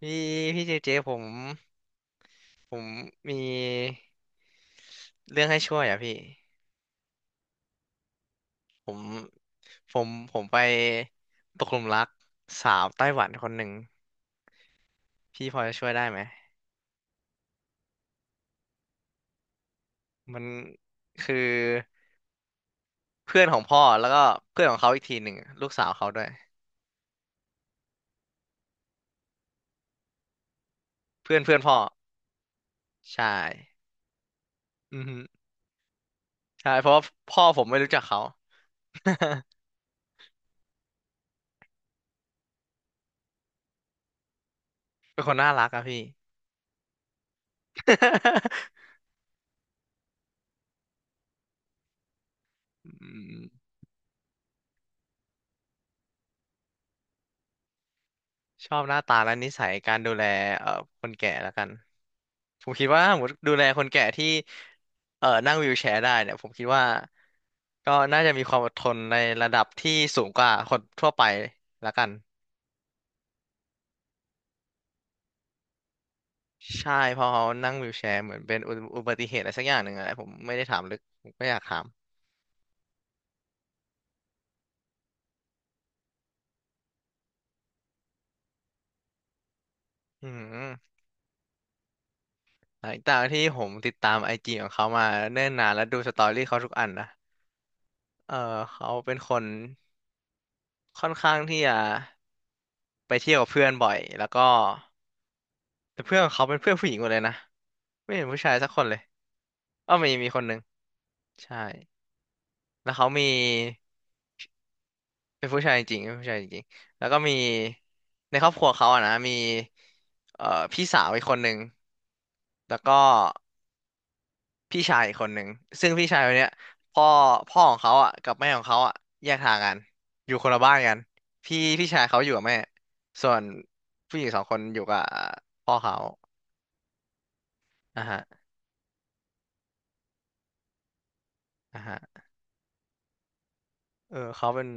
พี่เจเจผมผมมีเรื่องให้ช่วยอ่ะพี่ผมผมไปตกหลุมรักสาวไต้หวันคนหนึ่งพี่พอจะช่วยได้ไหมมันคือเพื่อนของพ่อแล้วก็เพื่อนของเขาอีกทีหนึ่งลูกสาวเขาด้วยเพื่อนเพื่อนพ่อใช่อือฮึใช่เพราะว่าพ่อผมไม่รู้จักเขา เป็นคนน่ารักอะพี่ อืม ชอบหน้าตาและนิสัยการดูแลเอ่อคนแก่แล้วกันผมคิดว่าถ้าสมมติดูแลคนแก่ที่นั่งวีลแชร์ได้เนี่ยผมคิดว่าก็น่าจะมีความอดทนในระดับที่สูงกว่าคนทั่วไปแล้วกันใช่เพราะเขานั่งวีลแชร์เหมือนเป็นอุบัติเหตุอะไรสักอย่างหนึ่งอะไรผมไม่ได้ถามลึกผมก็อยากถามอืมหลังจากที่ผมติดตามไอจีของเขามาเนิ่นนานและดูสตอรี่เขาทุกอันนะเออเขาเป็นคนค่อนข้างที่จะ ไปเที่ยวกับเพื่อนบ่อยแล้วก็แต่เพื่อนของเขาเป็นเพื่อนผู้หญิงหมดเลยนะ ไม่เห็นผู้ชายสักคนเลยอ้อมีคนหนึ่งใช่แล้วเขามีเป็นผู้ชายจริงเป็นผู้ชายจริงแล้วก็มีในครอบครัวเขาอะนะมีเอ่อพี่สาวอีกคนหนึ่งแล้วก็พี่ชายอีกคนหนึ่งซึ่งพี่ชายคนเนี้ยพ่อพ่อของเขาอะกับแม่ของเขาอะแยกทางกันอยู่คนละบ้านกันพี่ชายเขาอยู่กับแม่ส่วนผู้หญิงสองคนอยู่กับพ่อเขาอ่ะฮะอ่ะฮะเออเขาเป็น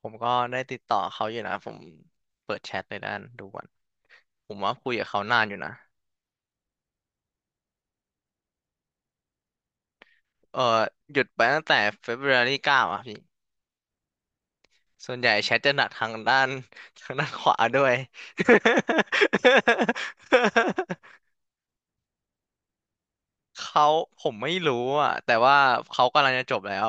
ผมก็ได้ติดต่อเขาอยู่นะผมเปิดแชทในด้านดูก่อนผมว่าคุยกับเขานานอยู่นะเออหยุดไปตั้งแต่ February 9อารีเก้าอ่ะพี่ส่วนใหญ่แชทจะหนักทางด้าน ทางด้านขวาด้วย เขาผมไม่รู้อ่ะแต่ว่าเขากำลังจะจบแล้ว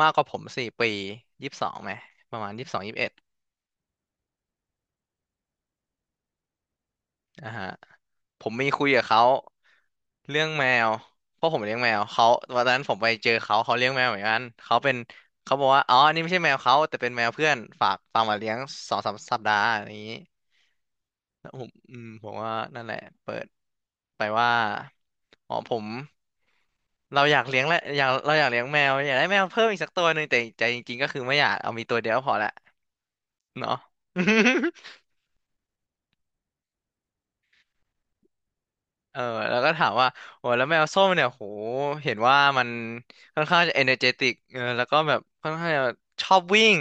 มากกว่าผมสี่ปียี่สิบสองไหมประมาณยี่สิบสองยี่สิบเอ็ด อ่าฮะผมมีคุยกับเขาเรื่องแมวเพราะผมเลี้ยงแมวเขาวันนั้นผมไปเจอเขาเขาเลี้ยงแมวเหมือนกันเขาเป็นเขาบอกว่าอ๋ออันนี่ไม่ใช่แมวเขาแต่เป็นแมวเพื่อนฝากมาเลี้ยงสองสามสัปดาห์อะไรอย่างนี้แล้วผมอืมผมว่านั่นแหละเปิดไปว่าอ๋อผมเราอยากเลี้ยงและอยากเราอยากเลี้ยงแมวอยากได้แมวเพิ่มอีกสักตัวหนึ่งแต่ใจจริงๆก็คือไม่อยากเอามีตัวเดียวกพอละเนาะ เออแล้วก็ถามว่าโอ้แล้วแมวส้มเนี่ยโหเห็นว่ามันค่อนข้างจะเอเนอร์เจติกเออแล้วก็แบบค่อนข้างจะชอบวิ่ง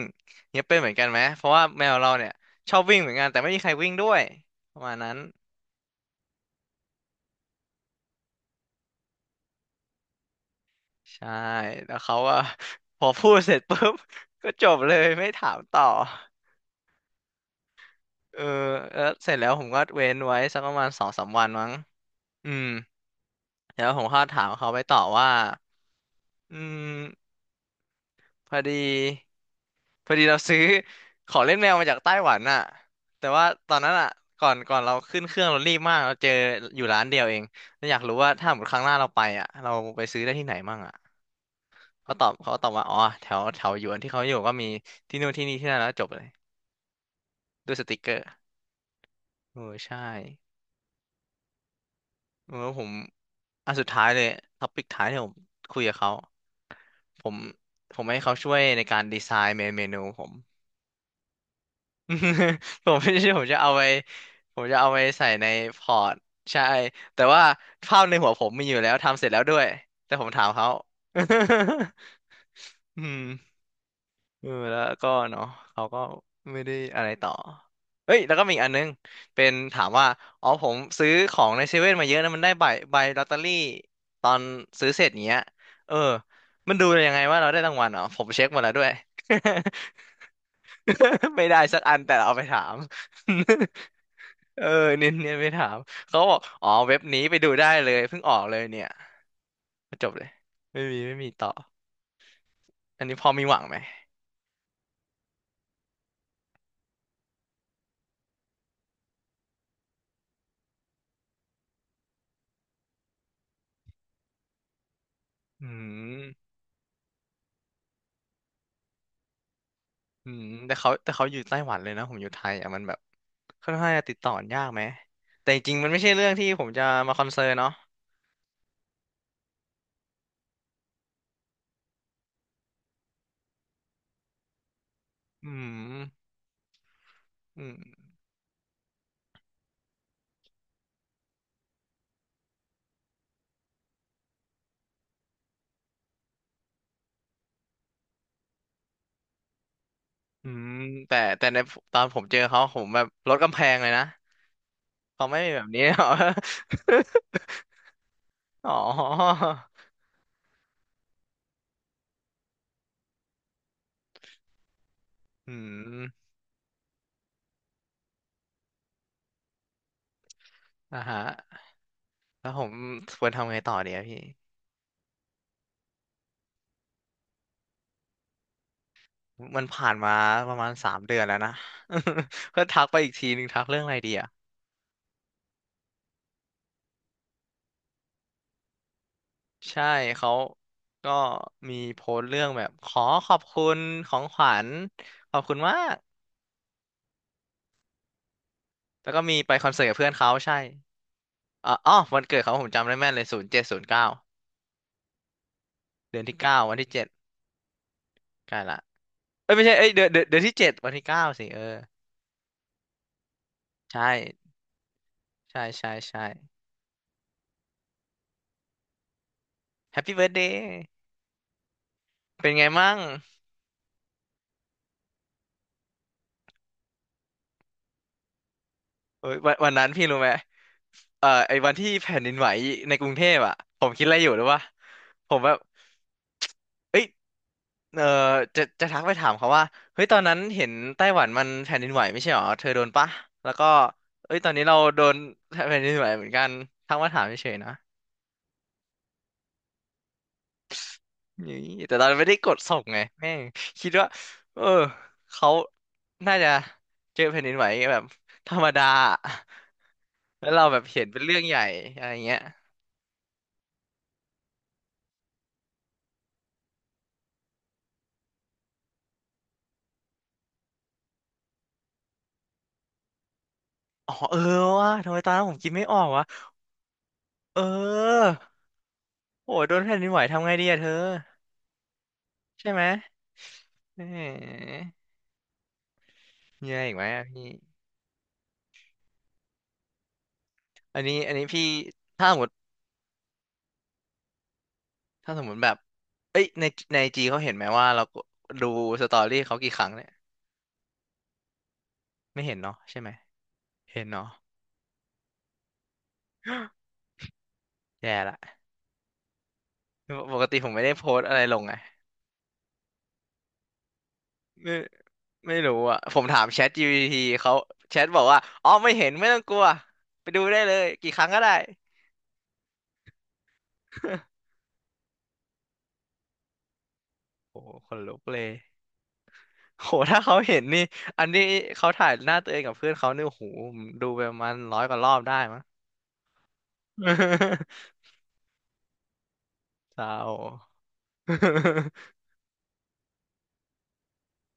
เนี่ยเป็นเหมือนกันไหมเพราะว่าแมวเราเนี่ยชอบวิ่งเหมือนกันแต่ไม่มีใครวิ่งด้วยประมาณนั้นใช่แล้วเขาก็ พอพูดเสร็จปุ๊บ ก็จบเลยไม่ถามต่อเออแล้วเสร็จแล้วผมก็เว้นไว้สักประมาณสองสามวันมั้งอืมแล้วผมก็ถามเขาไปต่อว่าอืม พอดีพอดีเราซื้อ ของเล่นแมวมาจากไต้หวันน่ะแต่ว่าตอนนั้นอ่ะก่อนเราขึ้นเครื่องเรารีบมากเราเจออยู่ร้านเดียวเองเราอยากรู้ว่าถ้าหมดครั้งหน้าเราไปอ่ะเราไปซื้อได้ที่ไหนมั่งอ่ะเขาตอบว่าอ๋อแถวแถวหยวนที่เขาอยู่ก็มีที่นู่นที่นี่ที่นั่นแล้วจบเลยด้วยสติกเกอร์เออใช่เออผมอันสุดท้ายเลยท็อปิกท้ายที่ผมคุยกับเขาผมผมให้เขาช่วยในการดีไซน์เมนูผม ผมไม่ใช่ผมจะเอาไปผมจะเอาไปใส่ในพอร์ตใช่แต่ว่าภาพในหัวผมมีอยู่แล้วทำเสร็จแล้วด้วยแต่ผมถามเขา อืมเออแล้วก็เนาะเขาก็ไม่ได้อะไรต่อเอ้ยแล้วก็มีอีกอันนึงเป็นถามว่าอ๋อผมซื้อของในเซเว่นมาเยอะนะมันได้ใบใบลอตเตอรี่ตอนซื้อเสร็จเนี้ยเออมันดูยังไงว่าเราได้รางวัลเหรอผมเช็คหมดแล้วด้วย ไม่ได้สักอันแต่เราเอาไปถาม เออเนียนไปถามเขาบอกอ๋อเว็บนี้ไปดูได้เลยเพิ่งออกเลยเนี่ยจบเลยไม่มีต่ออันนี้พอมีหวังไหมอืมอืมแต่เขาอยู่ไต้หวันเลยนะผมอยู่ไทยอ่ะมันแบบค่อนข้างจะติดต่อยากไหมแต่จริงๆมันไม่ใช่เรื่องที่ผมจะมาคอนเซิร์นเนาะอืมอืมอืมแต่ในตอนผมเจอเขาผมแบบลดกำแพงเลยนะเขาไม่มีแบบนี้หรอ อ๋ออืม อ่าฮะแล้วผมควรทำไงต่อเนี่ยพี่มันผ่านมาประมาณ3 เดือนแล้วนะ ก็ทักไปอีกทีหนึ่งทักเรื่องอะไรดีอะใช่เขาก็มีโพสต์เรื่องแบบขอขอบคุณของขวัญขอบคุณมากแล้วก็มีไปคอนเสิร์ตกับเพื่อนเขาใช่อ๋อออวันเกิดเขาผมจำได้แม่นเลย07/09เดือนที่ 9 วันที่ 7ใกล้ละเอ้ยไม่ใช่เอ้ยเดือนที่ 7 วันที่ 9สิเออใช่ใช่ใช่ใช่แฮปปี้เบิร์ดเดย์เป็นไงมั่งเอ้ยวันนั้นพี่รู้ไหม ไอ้วันที่แผ่นดินไหวในกรุงเทพอ่ะผมคิดอะไรอยู่หรือวะผมแบบเอ้ยเออจะทักไปถามเขาว่าเฮ้ยตอนนั้นเห็นไต้หวันมันแผ่นดินไหวไม่ใช่หรอเธอโดนปะแล้วก็เอ้ยตอนนี้เราโดนแผ่นดินไหวเหมือนกันทักมาถามเฉยๆนะนี่แต่ตอนไม่ได้กดส่งไงแม่งคิดว่าเออเขาน่าจะเจอแผ่นดินไหวแบบธรรมดาแล้วเราแบบเห็นเป็นเรื่องใหญ่อะไรเงี้ย อ๋อเออวะทำไมตอนนั้นผมคิดไม่ออกวะเออโหโดนแผ่นดินไหวทำไงดีอะเธอใช่ไหมเออมีอะไรอีกไหมอะพี่อันนี้พี่ถ้าสมมติถ้าสมมติแบบเอ้ยในจีเขาเห็นไหมว่าเราดูสตอรี่เขากี่ครั้งเนี่ยไม่เห็นเนาะใช่ไหมเห็นเนาะแย่ละปกติผมไม่ได้โพสต์อะไรลงไงไม่ไม่รู้อะผมถามแชทGPTเขาแชทบอกว่าอ๋อไม่เห็นไม่ต้องกลัวไปดูได้เลยกี่ครั้งก็ได้ โอ้โหขนลุกเลย โห ถ้าเขาเห็นนี่ อันนี้เขาถ่ายหน้าตัวเองกับเพื่อนเขาเนี่ยโอ้โหดูไปประมาณ100 กว่ารอบได้มั้ง เศร้า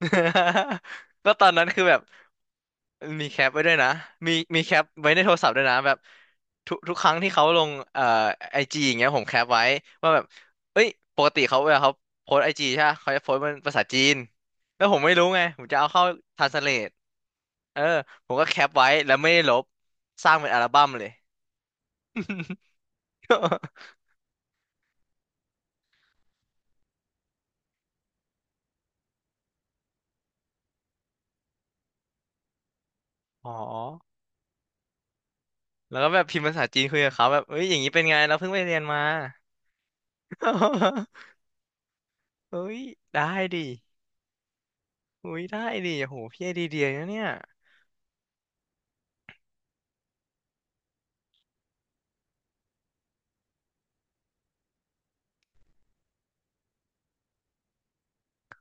ก็ตอนนั้นคือแบบมีแคปไว้ด้วยนะ มีแคปไว้ในโทรศัพท์ด้วยนะแบบทุกครั้งที่เขาลงไอจีอย่างเงี้ยผมแคปไว้ว่าแบบเอ้ยปกติเวลาเขาโพสไอจีใช่ปะเขาจะโพสเป็นภาษาจีนแล้วผมไม่รู้ไงผมจะเอาเข้าทรานสเลทเออผมก็แคปไว้แล้วไม่ได้ลบสร้างเป็นอัลบั้มเลย อ๋อแล้วก็แบบพิมพ์ภาษาจีนคุยกับเขาแบบเอ้ยอย่างนี้เป็นไงเราเพิ่งไปเรียนมา เอ้ยได้ดิ อุ้ยได้ดิโอ้โหพี่ไอเดียเดียนะเนี่ย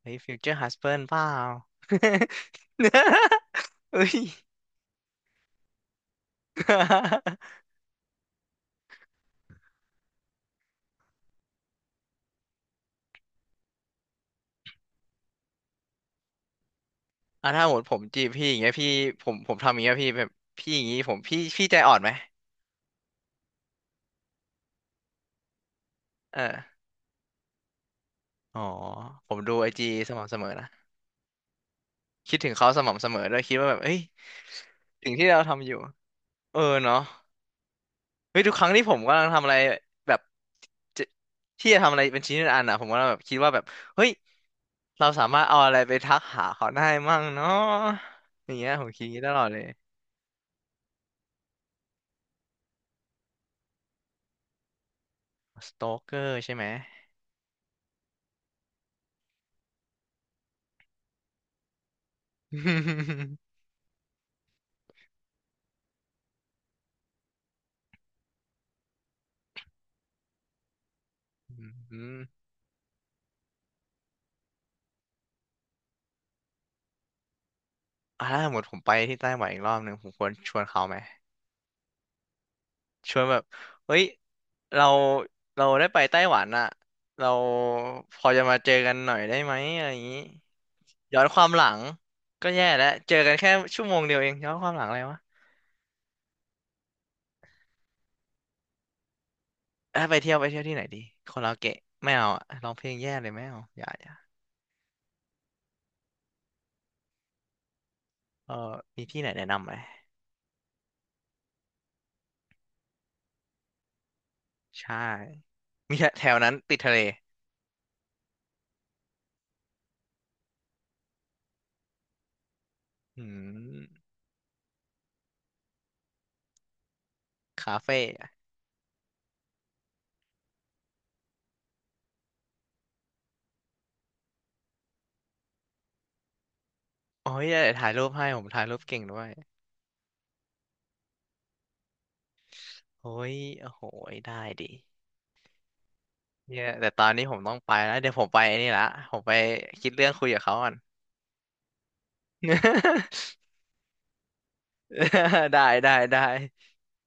เฮ้ยฟิวเจอร์ฮัสเบิร์เปล่า เฮ้ย อ่ะถ้าหมดผมจีบพี่อย่างเงี้ยพี่ผมทำอย่างเงี้ยพี่แบบพี่อย่างงี้ผมพี่ใจอ่อนไหม เอออ๋อผมดูไอจีสม่ำเสมอนะคิดถึงเขาสม่ำเสมอด้วยคิดว่าแบบเอ้ยสิ่งที่เราทำอยู่เออเนาะ เฮ้ยทุกครั้งที่ผมกำลังทำอะไรแบบจะที่จะทำอะไรเป็นชิ้นเป็นอันอ่ะผมก็แบบคิดว่าแบบเฮ้ยเราสามารถเอาอะไรไปทักหาเขาได้มั่งเนาะอย่างเงี้ยผมคิดอย่างนี้ตลอดเลยสโตเกอร์ใช่ไหม อืมอ่าถ้าสมมติผมไปที่ไต้หวันอีกรอบหนึ่งผมควรชวนเขาไหมชวนแบบเฮ้ยเราเราได้ไปไต้หวันอ่ะเราพอจะมาเจอกันหน่อยได้ไหมอะไรอย่างนี้ ย้อนความหลังก็แย่แล้วเจอกันแค่ชั่วโมงเดียวเองย้อนความหลังอะไรวะเอ้ยไปเที่ยวที่ไหนดีคาราโอเกะไม่เอาอะร้องเพลงแย่เลยไม่เอาอย่าอย่าเออมีที่ไหนแนะนำไหมใช่มีแถวนั้นติดทะเลอืมคาเฟ่อะโอ้ยเดี๋ยวถ่ายรูปให้ผมถ่ายรูปเก่งด้วยโอ้ยโอ้โหได้ดิเนี่ยแต่ตอนนี้ผมต้องไปแล้วเดี๋ยวผมไปไอ้นี่ละผมไปคิดเรื่องคุยกับเขาก่อน ได้ได้ได้